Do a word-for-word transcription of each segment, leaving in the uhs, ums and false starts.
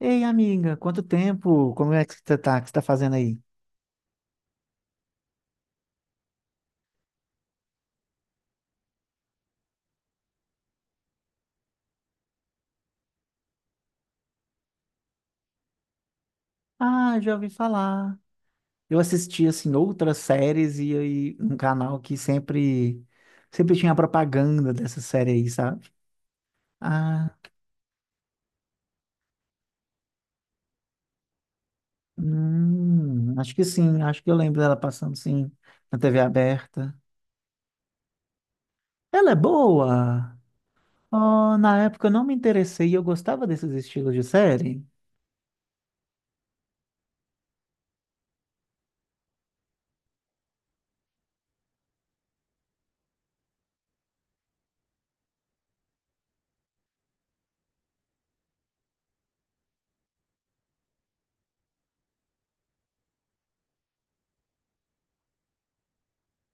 Ei, amiga, quanto tempo? Como é que você tá? O que você tá fazendo aí? Ah, já ouvi falar. Eu assisti, assim, outras séries e aí um canal que sempre, sempre tinha propaganda dessa série aí, sabe? Ah, hum, acho que sim. Acho que eu lembro dela passando, sim, na T V aberta. Ela é boa! Oh, na época eu não me interessei, eu gostava desses estilos de série.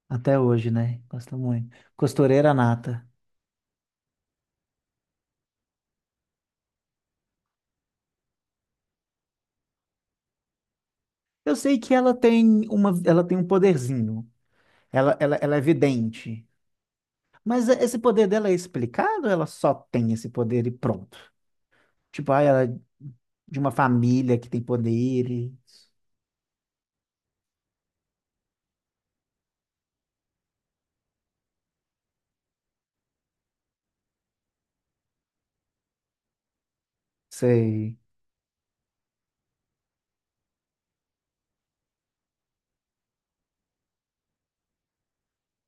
Até hoje, né? Gosto muito. Costureira nata. Eu sei que ela tem uma, ela tem um poderzinho. Ela, ela, ela é vidente. Mas é, esse poder dela é explicado? Ou ela só tem esse poder e pronto. Tipo, ah, ela é de uma família que tem poderes. Sei.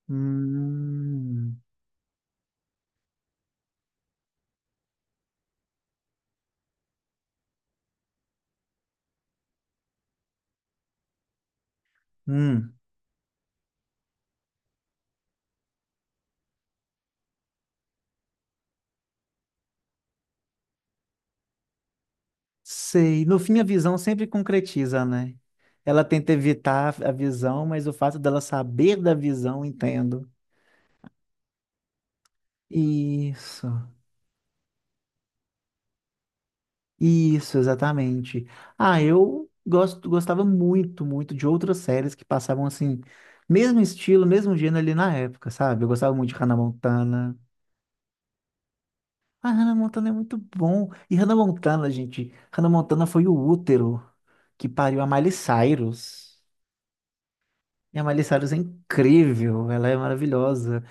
Hum, hum, sei. No fim, a visão sempre concretiza, né? Ela tenta evitar a visão, mas o fato dela saber da visão, entendo. Isso. Isso, exatamente. Ah, eu gosto, gostava muito, muito de outras séries que passavam assim, mesmo estilo, mesmo gênero ali na época, sabe? Eu gostava muito de Hannah Montana. Ah, Hannah Montana é muito bom. E Hannah Montana, gente, Hannah Montana foi o útero que pariu a Miley Cyrus. E a Miley Cyrus é incrível, ela é maravilhosa.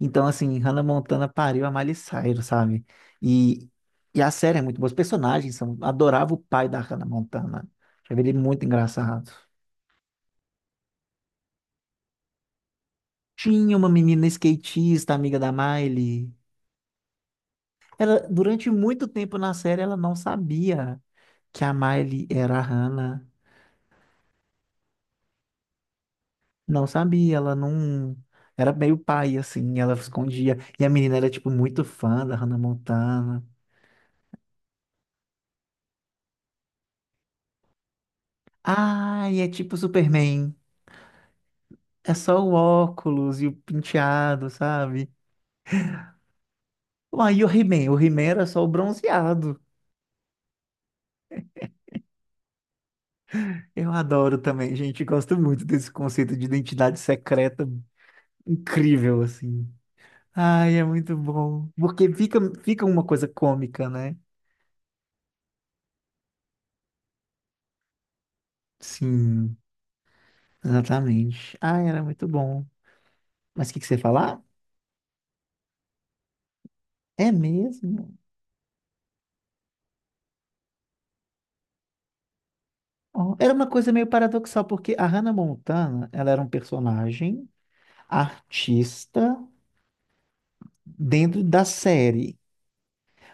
Então, assim, Hannah Montana pariu a Miley Cyrus, sabe? E, e a série é muito boa. Os personagens são... Adorava o pai da Hannah Montana. Achava ele muito engraçado. Tinha uma menina skatista, amiga da Miley. Ela, durante muito tempo na série, ela não sabia que a Miley era a Hannah. Não sabia, ela não... Era meio pai, assim, ela escondia. E a menina era, tipo, muito fã da Hannah Montana. Ai, é tipo Superman. É só o óculos e o penteado, sabe? Uai, e o He-Man? O He-Man era só o bronzeado. Eu adoro também, gente. Gosto muito desse conceito de identidade secreta incrível, assim. Ai, é muito bom. Porque fica, fica uma coisa cômica, né? Sim, exatamente. Ai, era muito bom. Mas o que que você ia falar? É mesmo? Ó, era uma coisa meio paradoxal, porque a Hannah Montana, ela era um personagem artista dentro da série,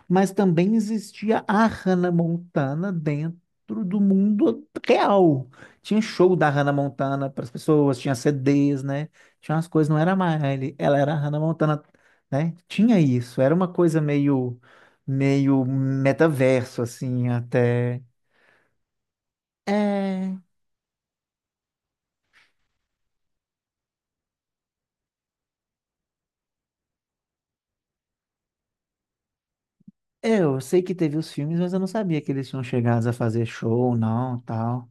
mas também existia a Hannah Montana dentro do mundo real. Tinha show da Hannah Montana para as pessoas, tinha C Ds, né? Tinha umas coisas, não era a Miley, ela era a Hannah Montana, né? Tinha isso, era uma coisa meio, meio metaverso, assim, até. É, é, eu sei que teve os filmes, mas eu não sabia que eles tinham chegado a fazer show, não, tal.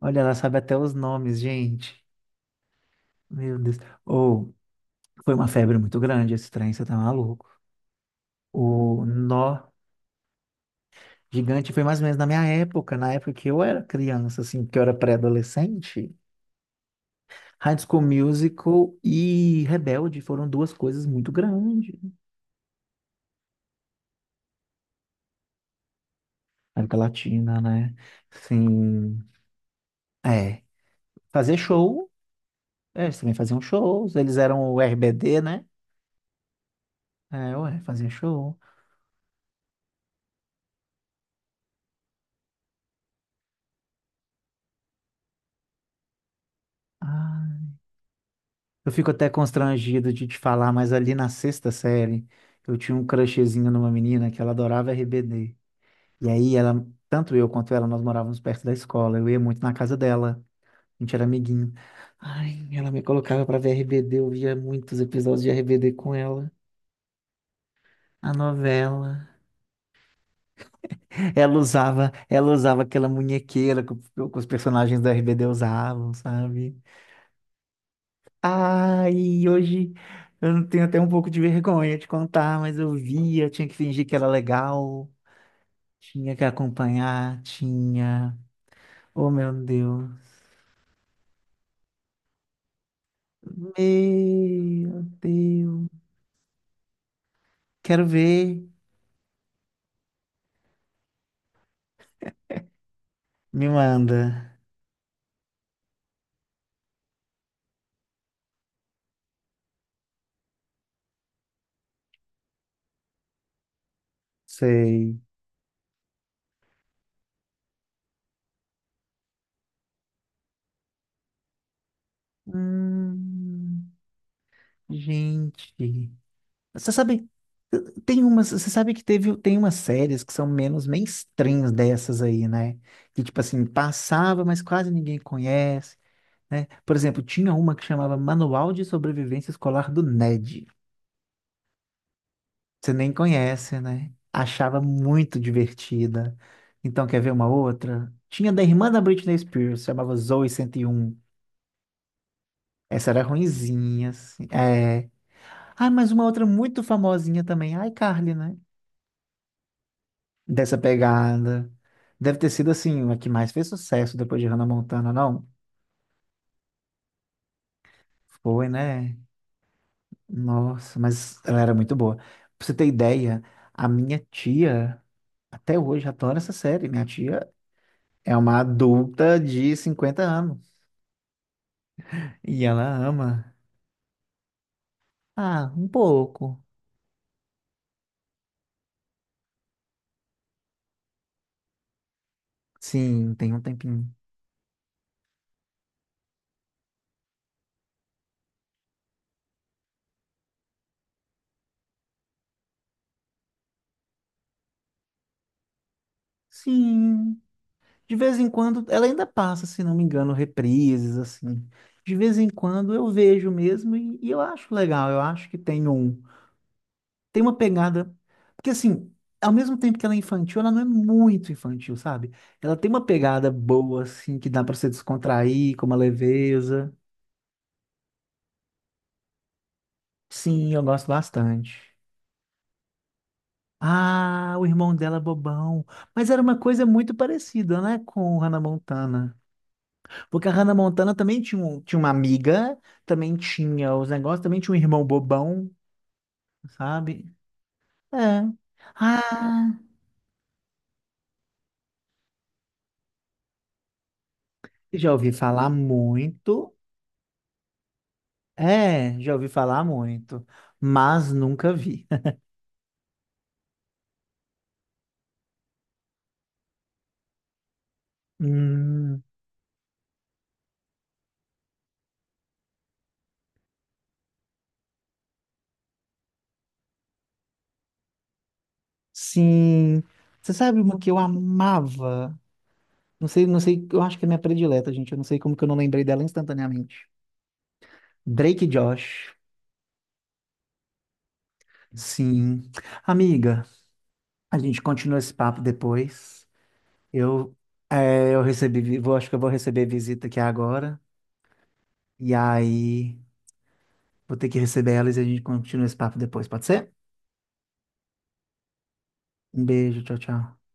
Olha, ela sabe até os nomes, gente. Meu Deus. Ou foi uma febre muito grande esse trem, você tá maluco. O nó gigante foi mais ou menos na minha época, na época que eu era criança, assim, que eu era pré-adolescente. High School Musical e Rebelde foram duas coisas muito grandes na América Latina, né? Assim, é. Fazer show, é, eles também faziam shows, eles eram o R B D, né? É, ué, fazer show. Ah, eu fico até constrangido de te falar, mas ali na sexta série, eu tinha um crushzinho numa menina que ela adorava R B D. E aí ela, tanto eu quanto ela, nós morávamos perto da escola. Eu ia muito na casa dela. A gente era amiguinho. Ai, ela me colocava pra ver R B D, eu via muitos episódios de R B D com ela. A novela. Ela usava, ela usava aquela munhequeira que, o- que os personagens da R B D usavam, sabe? Ai, hoje eu não tenho até um pouco de vergonha de contar, mas eu via, tinha que fingir que era legal, tinha que acompanhar, tinha. Oh, meu Deus. Meu Deus. Quero ver. Me manda. Sei. Hum, gente. Você sabe, tem umas, você sabe que teve, tem umas séries que são menos mainstreams dessas aí, né? Que tipo assim, passava, mas quase ninguém conhece, né? Por exemplo, tinha uma que chamava Manual de Sobrevivência Escolar do Ned. Você nem conhece, né? Achava muito divertida. Então, quer ver uma outra? Tinha da irmã da Britney Spears, chamava Zoe cento e um. Essa era ruinzinha, assim. É. Ah, mas uma outra muito famosinha também, a iCarly, né? Dessa pegada. Deve ter sido, assim, a que mais fez sucesso depois de Hannah Montana, não? Foi, né? Nossa, mas ela era muito boa. Pra você ter ideia, a minha tia, até hoje, adora essa série. Minha tia é uma adulta de cinquenta anos. E ela ama. Ah, um pouco. Sim, tem um tempinho. Sim. De vez em quando, ela ainda passa, se não me engano, reprises, assim. De vez em quando eu vejo mesmo e, e eu acho legal. Eu acho que tem um. Tem uma pegada. Porque, assim, ao mesmo tempo que ela é infantil, ela não é muito infantil, sabe? Ela tem uma pegada boa, assim, que dá pra se descontrair, com uma leveza. Sim, eu gosto bastante. Ah, o irmão dela é bobão. Mas era uma coisa muito parecida, né, com Hannah Montana. Porque a Hannah Montana também tinha, um- tinha uma amiga, também tinha os negócios, também tinha um irmão bobão, sabe? É. Ah, já ouvi falar muito. É, já ouvi falar muito, mas nunca vi. Hum, sim. Você sabe uma que eu amava? Não sei, não sei, eu acho que é minha predileta, gente. Eu não sei como que eu não lembrei dela instantaneamente. Drake Josh. Sim. Amiga, a gente continua esse papo depois. Eu, é, eu recebi, vi- vou, acho que eu vou receber visita aqui agora. E aí, vou ter que receber elas e a gente continua esse papo depois, pode ser? Um beijo, tchau, tchau.